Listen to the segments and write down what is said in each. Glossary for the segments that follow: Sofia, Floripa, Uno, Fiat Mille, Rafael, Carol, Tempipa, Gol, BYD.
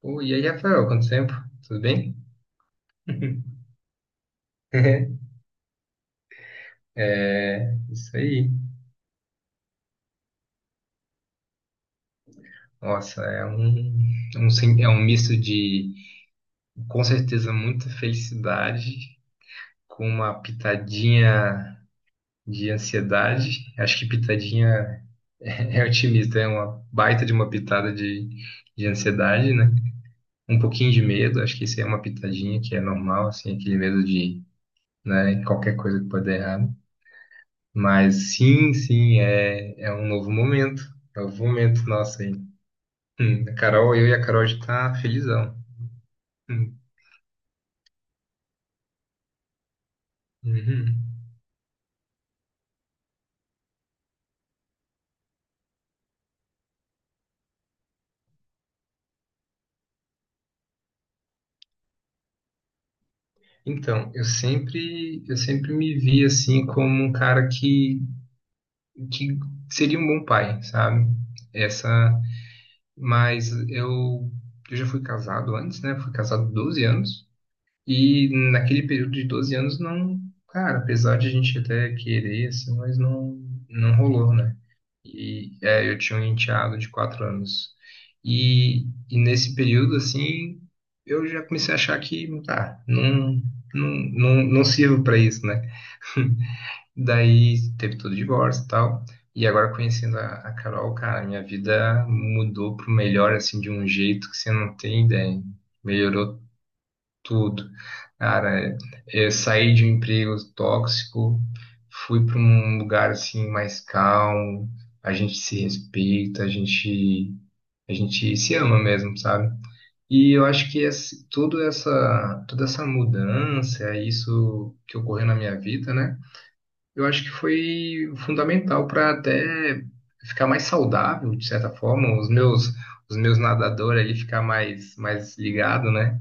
Pô, e aí, Rafael, quanto tempo? Tudo bem? É, isso aí. Nossa, é um, um é um misto de, com certeza, muita felicidade com uma pitadinha de ansiedade. Acho que pitadinha é otimista, é uma baita de uma pitada de ansiedade, né? Um pouquinho de medo, acho que isso aí é uma pitadinha que é normal, assim, aquele medo de, né, qualquer coisa que pode dar errado. Mas sim, sim, é um novo momento. É um novo momento nosso aí. A Carol, eu e a Carol já tá felizão. Hum, uhum. Então, eu sempre me vi assim como um cara que seria um bom pai, sabe? Essa, mas eu já fui casado antes, né? Fui casado 12 anos. E naquele período de 12 anos não, cara, apesar de a gente até querer assim, mas não rolou, né? E é, eu tinha um enteado de quatro anos. E, nesse período, assim, eu já comecei a achar que, tá, não, não, não sirvo para isso, né? Daí teve todo o divórcio e tal. E agora conhecendo a Carol, cara, minha vida mudou pro melhor, assim, de um jeito que você não tem ideia. Melhorou tudo. Cara, eu saí de um emprego tóxico, fui para um lugar assim mais calmo, a gente se respeita, a gente se ama mesmo, sabe? E eu acho que esse, tudo essa toda essa mudança, isso que ocorreu na minha vida, né? Eu acho que foi fundamental para até ficar mais saudável, de certa forma, os meus nadadores ali ficar mais ligado, né?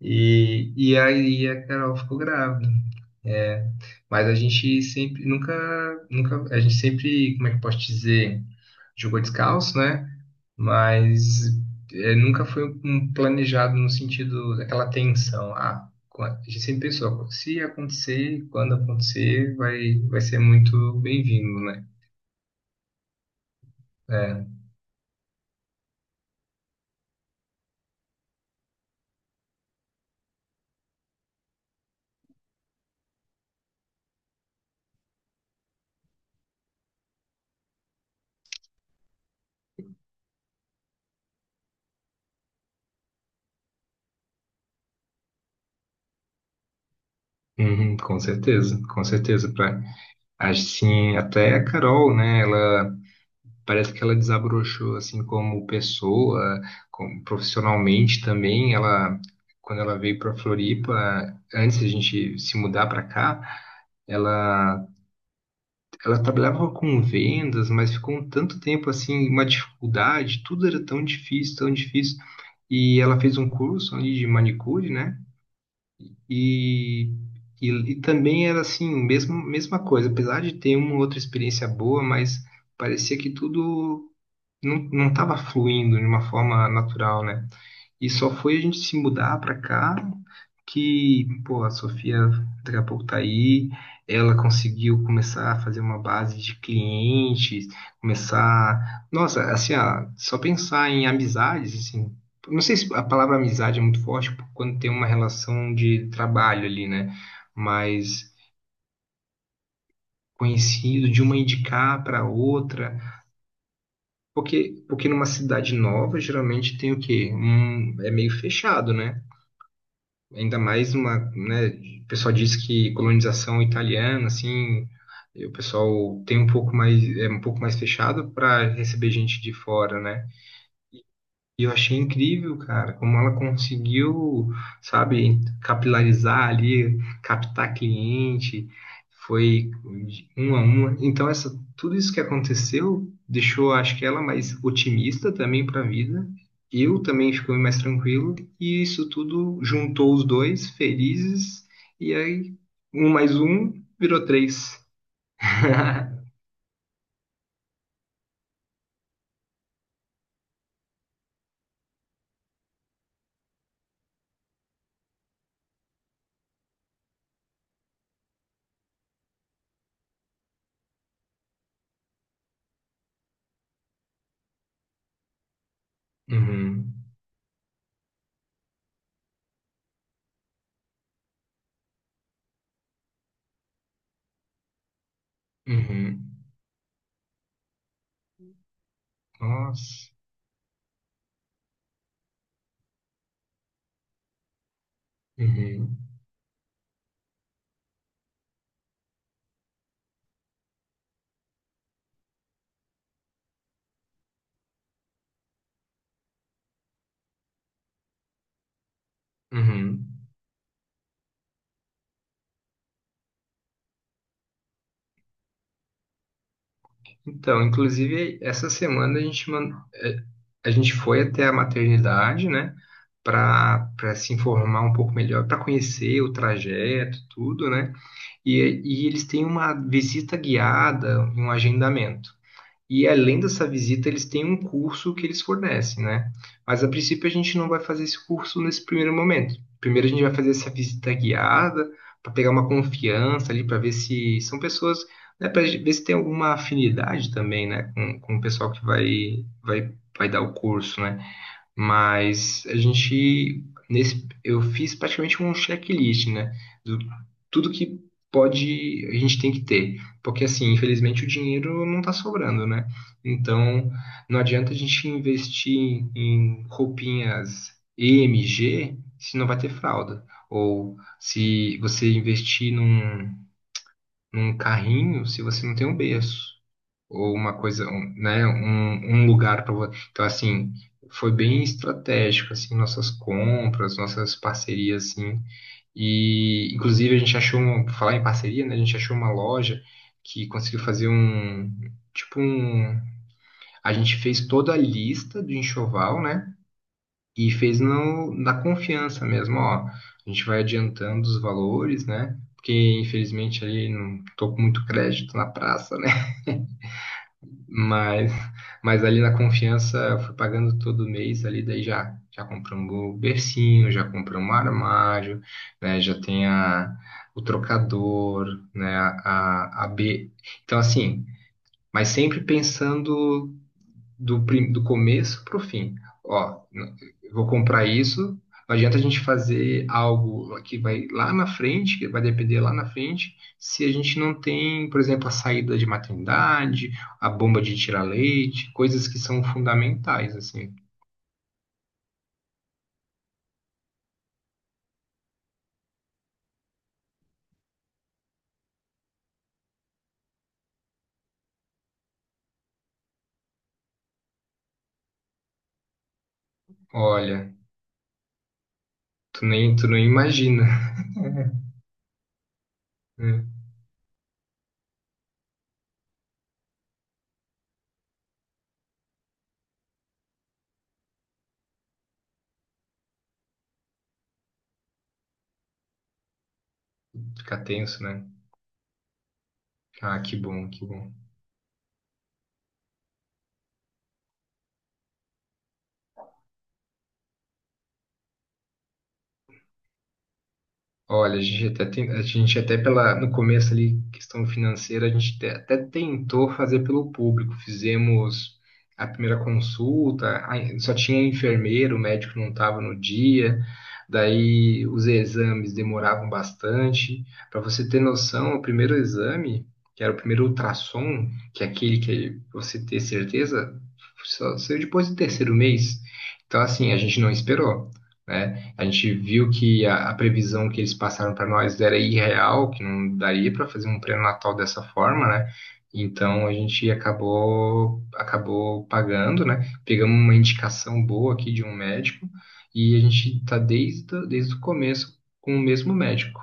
E, aí a Carol ficou grávida. É, mas a gente sempre, nunca, nunca, a gente sempre, como é que eu posso dizer, jogou descalço, né? Mas é, nunca foi um planejado no sentido daquela tensão. A gente sempre pensou, se acontecer, quando acontecer, vai ser muito bem-vindo, né? É, uhum, com certeza, com certeza. Pra, assim, até a Carol, né? Ela Parece que ela desabrochou assim como pessoa, como profissionalmente também. Quando ela veio para Floripa, antes de a gente se mudar para cá, ela, ela trabalhava com vendas, mas ficou um tanto tempo assim, uma dificuldade. Tudo era tão difícil, tão difícil. E ela fez um curso ali de manicure, né? E e, também era assim, mesma coisa, apesar de ter uma outra experiência boa, mas parecia que tudo não tava fluindo de uma forma natural, né? E só foi a gente se mudar pra cá que, pô, a Sofia daqui a pouco tá aí, ela conseguiu começar a fazer uma base de clientes, começar, nossa, assim, ó, só pensar em amizades, assim, não sei se a palavra amizade é muito forte quando tem uma relação de trabalho ali, né? Mas conhecido de uma indicar para outra. Porque, numa cidade nova, geralmente tem o quê? Um, é meio fechado, né? Ainda mais uma, né? O pessoal diz que colonização italiana, assim, e o pessoal tem é um pouco mais fechado para receber gente de fora, né? E eu achei incrível, cara, como ela conseguiu, sabe, capilarizar ali, captar cliente, foi de um a um. Então, essa, tudo isso que aconteceu deixou, acho que ela mais otimista também para a vida. Eu também fiquei mais tranquilo. E isso tudo juntou os dois felizes. E aí, um mais um virou três. Uhum, uhum. Nossa. Uhum, uhum. Então, inclusive, essa semana a gente foi até a maternidade, né, para se informar um pouco melhor, para conhecer o trajeto, tudo, né? E, eles têm uma visita guiada, um agendamento. E além dessa visita, eles têm um curso que eles fornecem, né? Mas a princípio a gente não vai fazer esse curso nesse primeiro momento. Primeiro a gente vai fazer essa visita guiada para pegar uma confiança ali, para ver se são pessoas, né, para ver se tem alguma afinidade também, né, com o pessoal que vai dar o curso, né? Mas a gente, nesse, eu fiz praticamente um checklist, né? Do tudo que pode, a gente tem que ter. Porque, assim, infelizmente o dinheiro não tá sobrando, né? Então, não adianta a gente investir em roupinhas EMG se não vai ter fralda. Ou se você investir num carrinho se você não tem um berço ou uma coisa, um, né, um lugar para você. Então, assim, foi bem estratégico assim nossas compras, nossas parcerias assim. E inclusive a gente achou uma, por falar em parceria, né, a gente achou uma loja que conseguiu fazer um tipo um. A gente fez toda a lista do enxoval, né, e fez no, na confiança mesmo, ó, a gente vai adiantando os valores, né? Porque, infelizmente, ali não tô com muito crédito na praça, né? Mas, ali na confiança, eu fui pagando todo mês ali, daí já compramos o bercinho, já compramos um armário, né? Já tem a, o trocador, né? A B. Então, assim, mas sempre pensando do começo para o fim. Ó, n- eu vou comprar isso. Não adianta a gente fazer algo que vai lá na frente, que vai depender lá na frente, se a gente não tem, por exemplo, a saída de maternidade, a bomba de tirar leite, coisas que são fundamentais, assim. Olha, tu não imagina, né? Fica tenso, né? Ah, que bom, que bom. Olha, a gente até pela, no começo ali, questão financeira, até tentou fazer pelo público. Fizemos a primeira consulta, a- só tinha enfermeiro, o médico não estava no dia, daí os exames demoravam bastante. Para você ter noção, o primeiro exame, que era o primeiro ultrassom, que é aquele que você ter certeza, só saiu depois do terceiro mês. Então, assim, a gente não esperou, né? A gente viu que a previsão que eles passaram para nós era irreal, que não daria para fazer um pré-natal dessa forma, né? Então a gente acabou pagando, né? Pegamos uma indicação boa aqui de um médico e a gente está desde o começo com o mesmo médico,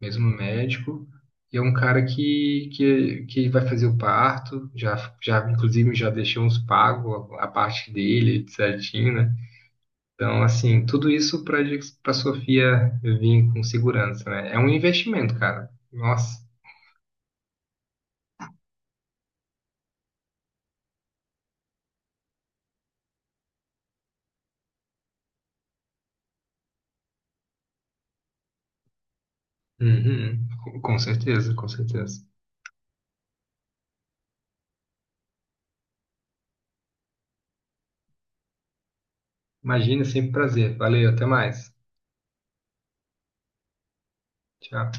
mesmo médico. E é um cara que, que vai fazer o parto, já, já inclusive já deixou uns pagos a parte dele certinho, né? Então, assim, tudo isso para a Sofia vir com segurança, né? É um investimento, cara. Nossa. Uhum. Com certeza, com certeza. Imagina, sempre um prazer. Valeu, até mais. Tchau.